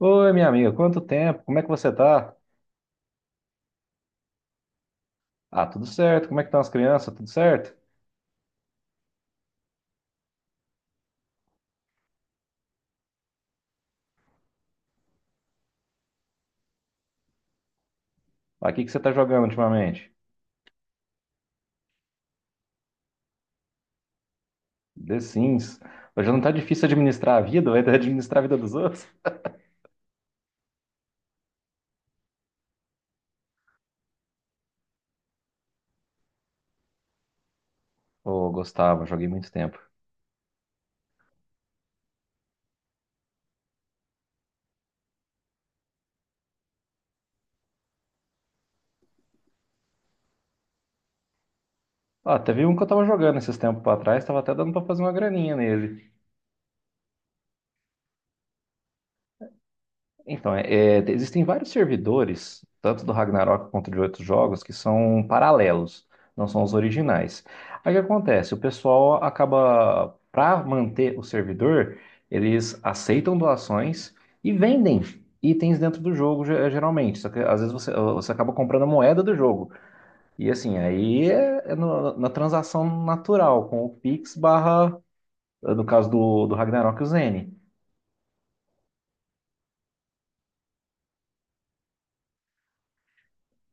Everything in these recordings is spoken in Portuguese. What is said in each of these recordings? Oi, minha amiga, quanto tempo? Como é que você tá? Ah, tudo certo. Como é que estão as crianças? Tudo certo? Ah, o que que você tá jogando ultimamente? The Sims. Hoje não tá difícil administrar a vida, vai ter que administrar a vida dos outros? Ô, Gustavo, joguei muito tempo. Ah, teve um que eu tava jogando esses tempos pra trás, tava até dando pra fazer uma graninha nele. Então, existem vários servidores, tanto do Ragnarok quanto de outros jogos, que são paralelos, não são os originais. Aí o que acontece? O pessoal acaba, para manter o servidor, eles aceitam doações e vendem itens dentro do jogo, geralmente. Só que às vezes você acaba comprando a moeda do jogo. E assim, aí na transação natural, com o Pix barra, no caso do Ragnarok, o Zeni.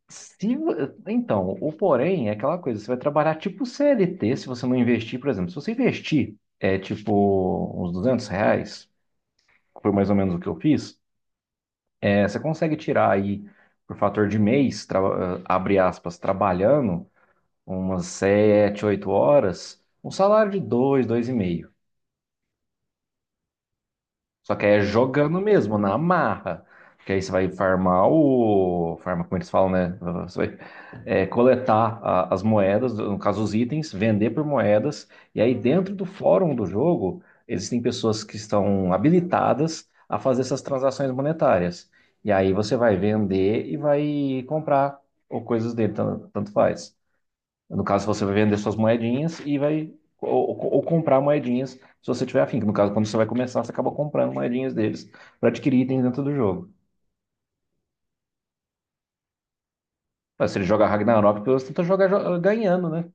Se, vo- então, o porém é aquela coisa, você vai trabalhar tipo CLT se você não investir, por exemplo. Se você investir, é tipo uns R$ 200, que foi mais ou menos o que eu fiz, você consegue tirar aí, por fator de mês, abre aspas, trabalhando umas 7 8 horas, um salário de dois dois e meio. Só que aí é jogando mesmo, na marra. Porque aí você vai farmar o. Farmar, como eles falam, né? Você vai coletar as moedas, no caso os itens, vender por moedas. E aí dentro do fórum do jogo, existem pessoas que estão habilitadas a fazer essas transações monetárias. E aí você vai vender e vai comprar ou coisas dele, tanto faz. No caso, você vai vender suas moedinhas e vai. Ou comprar moedinhas se você tiver afim. No caso, quando você vai começar, você acaba comprando moedinhas deles para adquirir itens dentro do jogo. Mas se ele joga Ragnarok, pelo menos tenta jogar ganhando, né?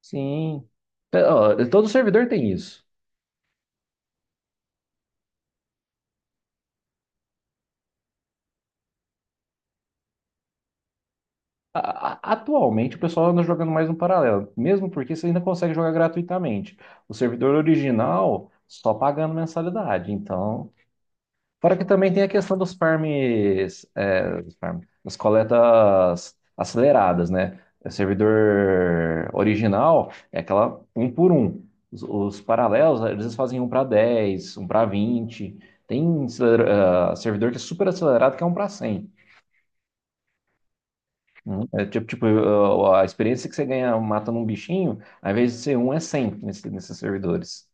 Sim. É, ó, todo servidor tem isso. Atualmente o pessoal anda jogando mais no paralelo, mesmo porque você ainda consegue jogar gratuitamente. O servidor original só pagando mensalidade. Então, fora que também tem a questão dos farms, das coletas aceleradas, né? O servidor original é aquela um por um. Os paralelos, às vezes fazem um para 10, um para 20. Tem servidor que é super acelerado, que é um para 100. É tipo, a experiência que você ganha matando um bichinho, ao invés de ser um, é 100 nesses servidores.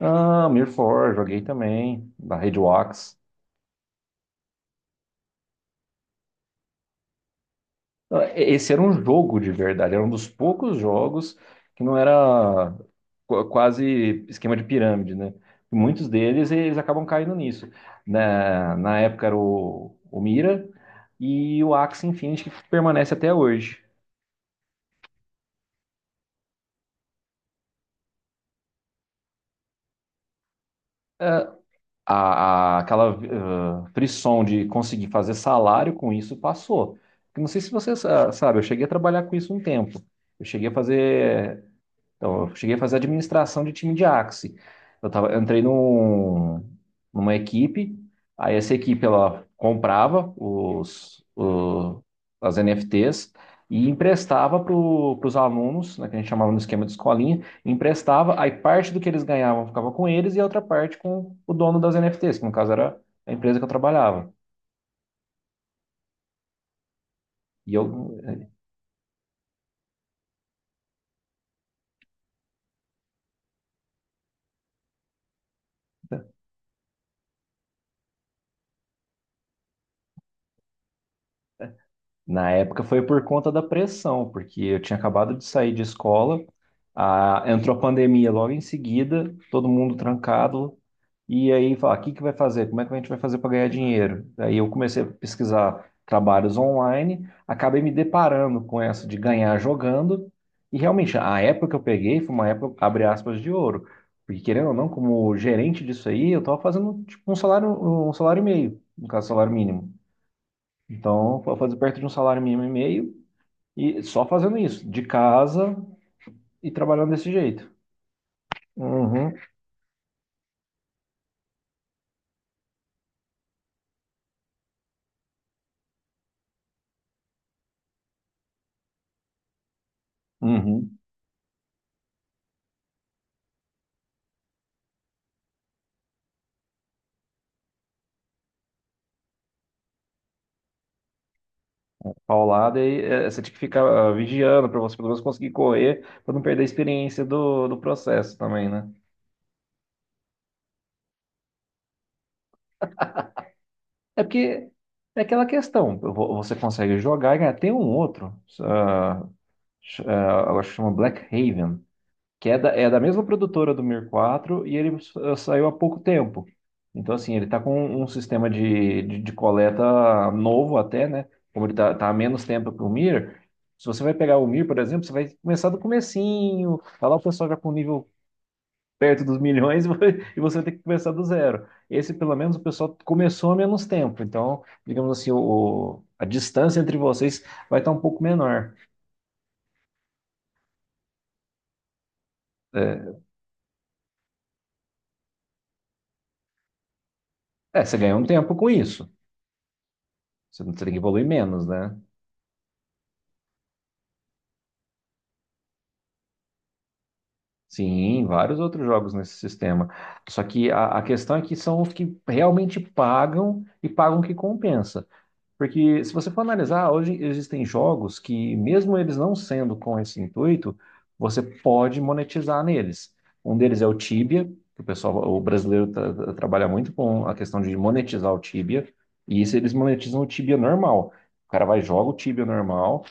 Ah, Mirror 4, joguei também, da Red Wax. Esse era um jogo de verdade, era um dos poucos jogos que não era quase esquema de pirâmide, né? Muitos deles eles acabam caindo nisso. Na época era o Mira e o Axie Infinity que permanece até hoje. Ah, aquela frição de conseguir fazer salário com isso passou. Eu não sei se você sabe, eu cheguei a trabalhar com isso um tempo. Eu cheguei a fazer Então, eu cheguei a fazer administração de time de Axie. Eu entrei numa equipe, aí essa equipe ela comprava as NFTs e emprestava para os alunos, né, que a gente chamava no esquema de escolinha, emprestava, aí parte do que eles ganhavam ficava com eles e a outra parte com o dono das NFTs, que no caso era a empresa que eu trabalhava. E eu, na época foi por conta da pressão, porque eu tinha acabado de sair de escola, entrou a pandemia logo em seguida, todo mundo trancado, e aí falar, o que que vai fazer? Como é que a gente vai fazer para ganhar dinheiro? Aí eu comecei a pesquisar trabalhos online, acabei me deparando com essa de ganhar jogando, e realmente a época que eu peguei foi uma época, abre aspas, de ouro, porque querendo ou não, como gerente disso aí, eu estava fazendo tipo um salário e meio, no caso, salário mínimo. Então, eu fazer perto de um salário mínimo e meio e só fazendo isso, de casa e trabalhando desse jeito. Uhum, uhum. Paulada, e você tinha que ficar vigiando para você pelo menos conseguir correr, para não perder a experiência do processo também, né? É porque é aquela questão, você consegue jogar e ganhar. Tem um outro, ah, eu acho que chama Black Haven, que é da mesma produtora do Mir 4 e ele saiu há pouco tempo. Então, assim, ele está com um sistema de coleta novo até, né? Como ele está tá tá há menos tempo que o Mir, se você vai pegar o Mir, por exemplo, você vai começar do comecinho, tá lá o pessoal já com o nível perto dos milhões e e você vai ter que começar do zero. Esse, pelo menos, o pessoal começou há menos tempo. Então, digamos assim, a distância entre vocês vai estar um pouco menor. É, você ganha um tempo com isso. Você tem que evoluir menos, né? Sim, vários outros jogos nesse sistema. Só que a questão é que são os que realmente pagam e pagam o que compensa. Porque se você for analisar, hoje existem jogos que, mesmo eles não sendo com esse intuito, você pode monetizar neles. Um deles é o Tibia, que o pessoal, o brasileiro trabalha muito com a questão de monetizar o Tibia, e isso eles monetizam o Tibia normal. O cara vai e joga o Tibia normal,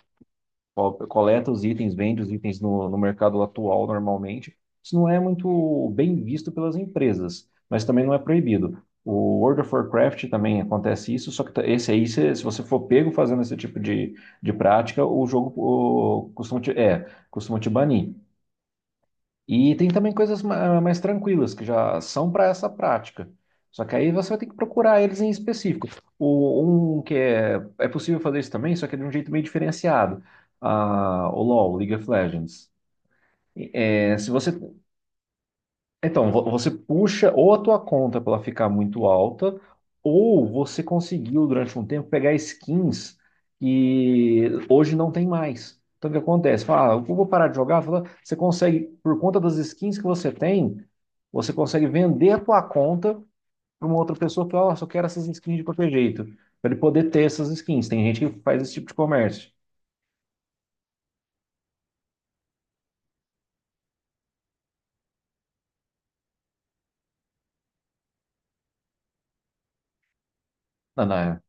coleta os itens, vende os itens no mercado atual normalmente. Isso não é muito bem visto pelas empresas, mas também não é proibido. O World of Warcraft também acontece isso, só que esse aí, se você for pego fazendo esse tipo de prática, o jogo o, costuma te, é, costuma te banir. E tem também coisas mais tranquilas que já são para essa prática. Só que aí você vai ter que procurar eles em específico. Um que é possível fazer isso também, só que é de um jeito meio diferenciado. Ah, o LoL, League of Legends. É, se você então, você puxa ou a tua conta para ela ficar muito alta, ou você conseguiu durante um tempo pegar skins que hoje não tem mais. Então, o que acontece? Fala, ah, eu vou parar de jogar. Fala, você consegue, por conta das skins que você tem, você consegue vender a tua conta para uma outra pessoa que fala, ah, só quero essas skins de qualquer jeito, para ele poder ter essas skins. Tem gente que faz esse tipo de comércio. Não, não, é.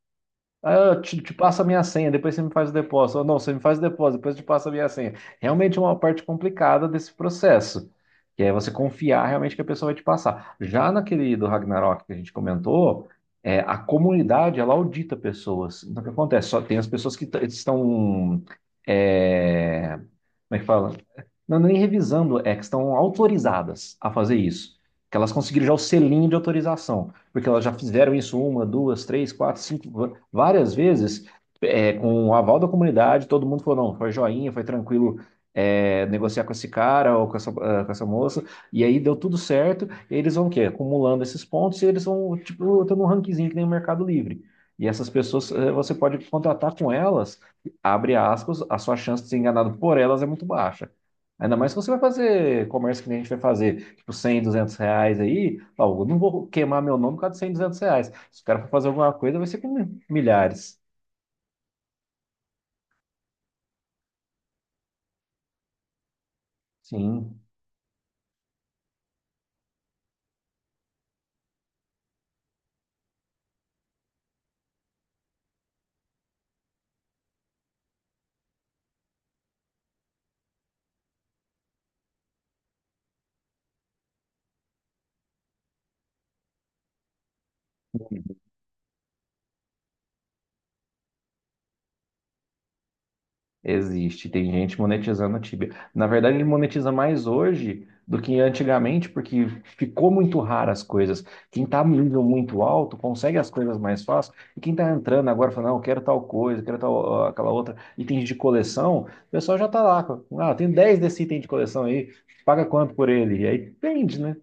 Aí eu te passo a minha senha, depois você me faz o depósito. Ou não, você me faz o depósito, depois eu te passo a minha senha. Realmente é uma parte complicada desse processo, que é você confiar realmente que a pessoa vai te passar. Já naquele do Ragnarok que a gente comentou, a comunidade, ela audita pessoas. Então, o que acontece? Só tem as pessoas que estão... é, como é que fala? Não, nem revisando, é que estão autorizadas a fazer isso. Que elas conseguiram já o selinho de autorização, porque elas já fizeram isso uma, duas, três, quatro, cinco, várias vezes, com o aval da comunidade, todo mundo falou, não, foi joinha, foi tranquilo, negociar com esse cara ou com essa, com essa moça, e aí deu tudo certo, e eles vão o quê? Acumulando esses pontos, e eles vão, tipo, tendo um rankingzinho que nem o Mercado Livre. E essas pessoas, você pode contratar com elas, abre aspas, a sua chance de ser enganado por elas é muito baixa. Ainda mais se você vai fazer comércio que nem a gente vai fazer, tipo 100, R$ 200 aí, fala, eu não vou queimar meu nome por causa de 100, R$ 200. Se o cara for fazer alguma coisa, vai ser com milhares. Sim. Existe, tem gente monetizando o Tibia. Na verdade, ele monetiza mais hoje do que antigamente, porque ficou muito raro as coisas. Quem está num nível muito alto consegue as coisas mais fácil, e quem está entrando agora fala, não, eu quero tal coisa, eu quero tal, ó, aquela outra, itens de coleção, o pessoal já está lá. Ah, tem 10 desse item de coleção aí, paga quanto por ele? E aí vende, né?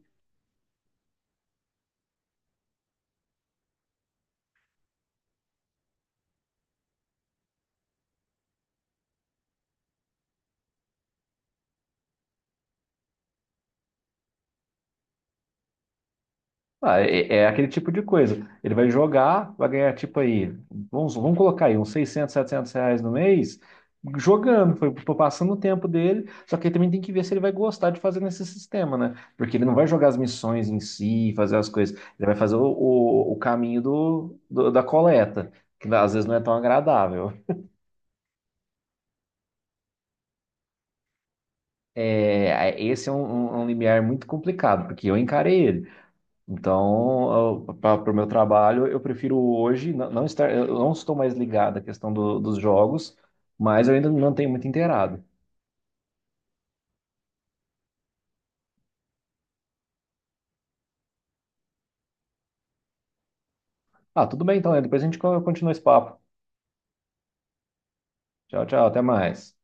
Ah, é aquele tipo de coisa. Ele vai jogar, vai ganhar tipo aí, vamos, vamos colocar aí uns 600, R$ 700 no mês, jogando, foi passando o tempo dele. Só que ele também tem que ver se ele vai gostar de fazer nesse sistema, né? Porque ele não vai jogar as missões em si, fazer as coisas. Ele vai fazer o caminho da coleta, que às vezes não é tão agradável. É, esse é um limiar muito complicado, porque eu encarei ele. Então, para o meu trabalho, eu prefiro hoje não estar, eu não estou mais ligado à questão dos jogos, mas eu ainda não tenho muito inteirado. Ah, tudo bem então, né? Depois a gente continua esse papo. Tchau, tchau, até mais.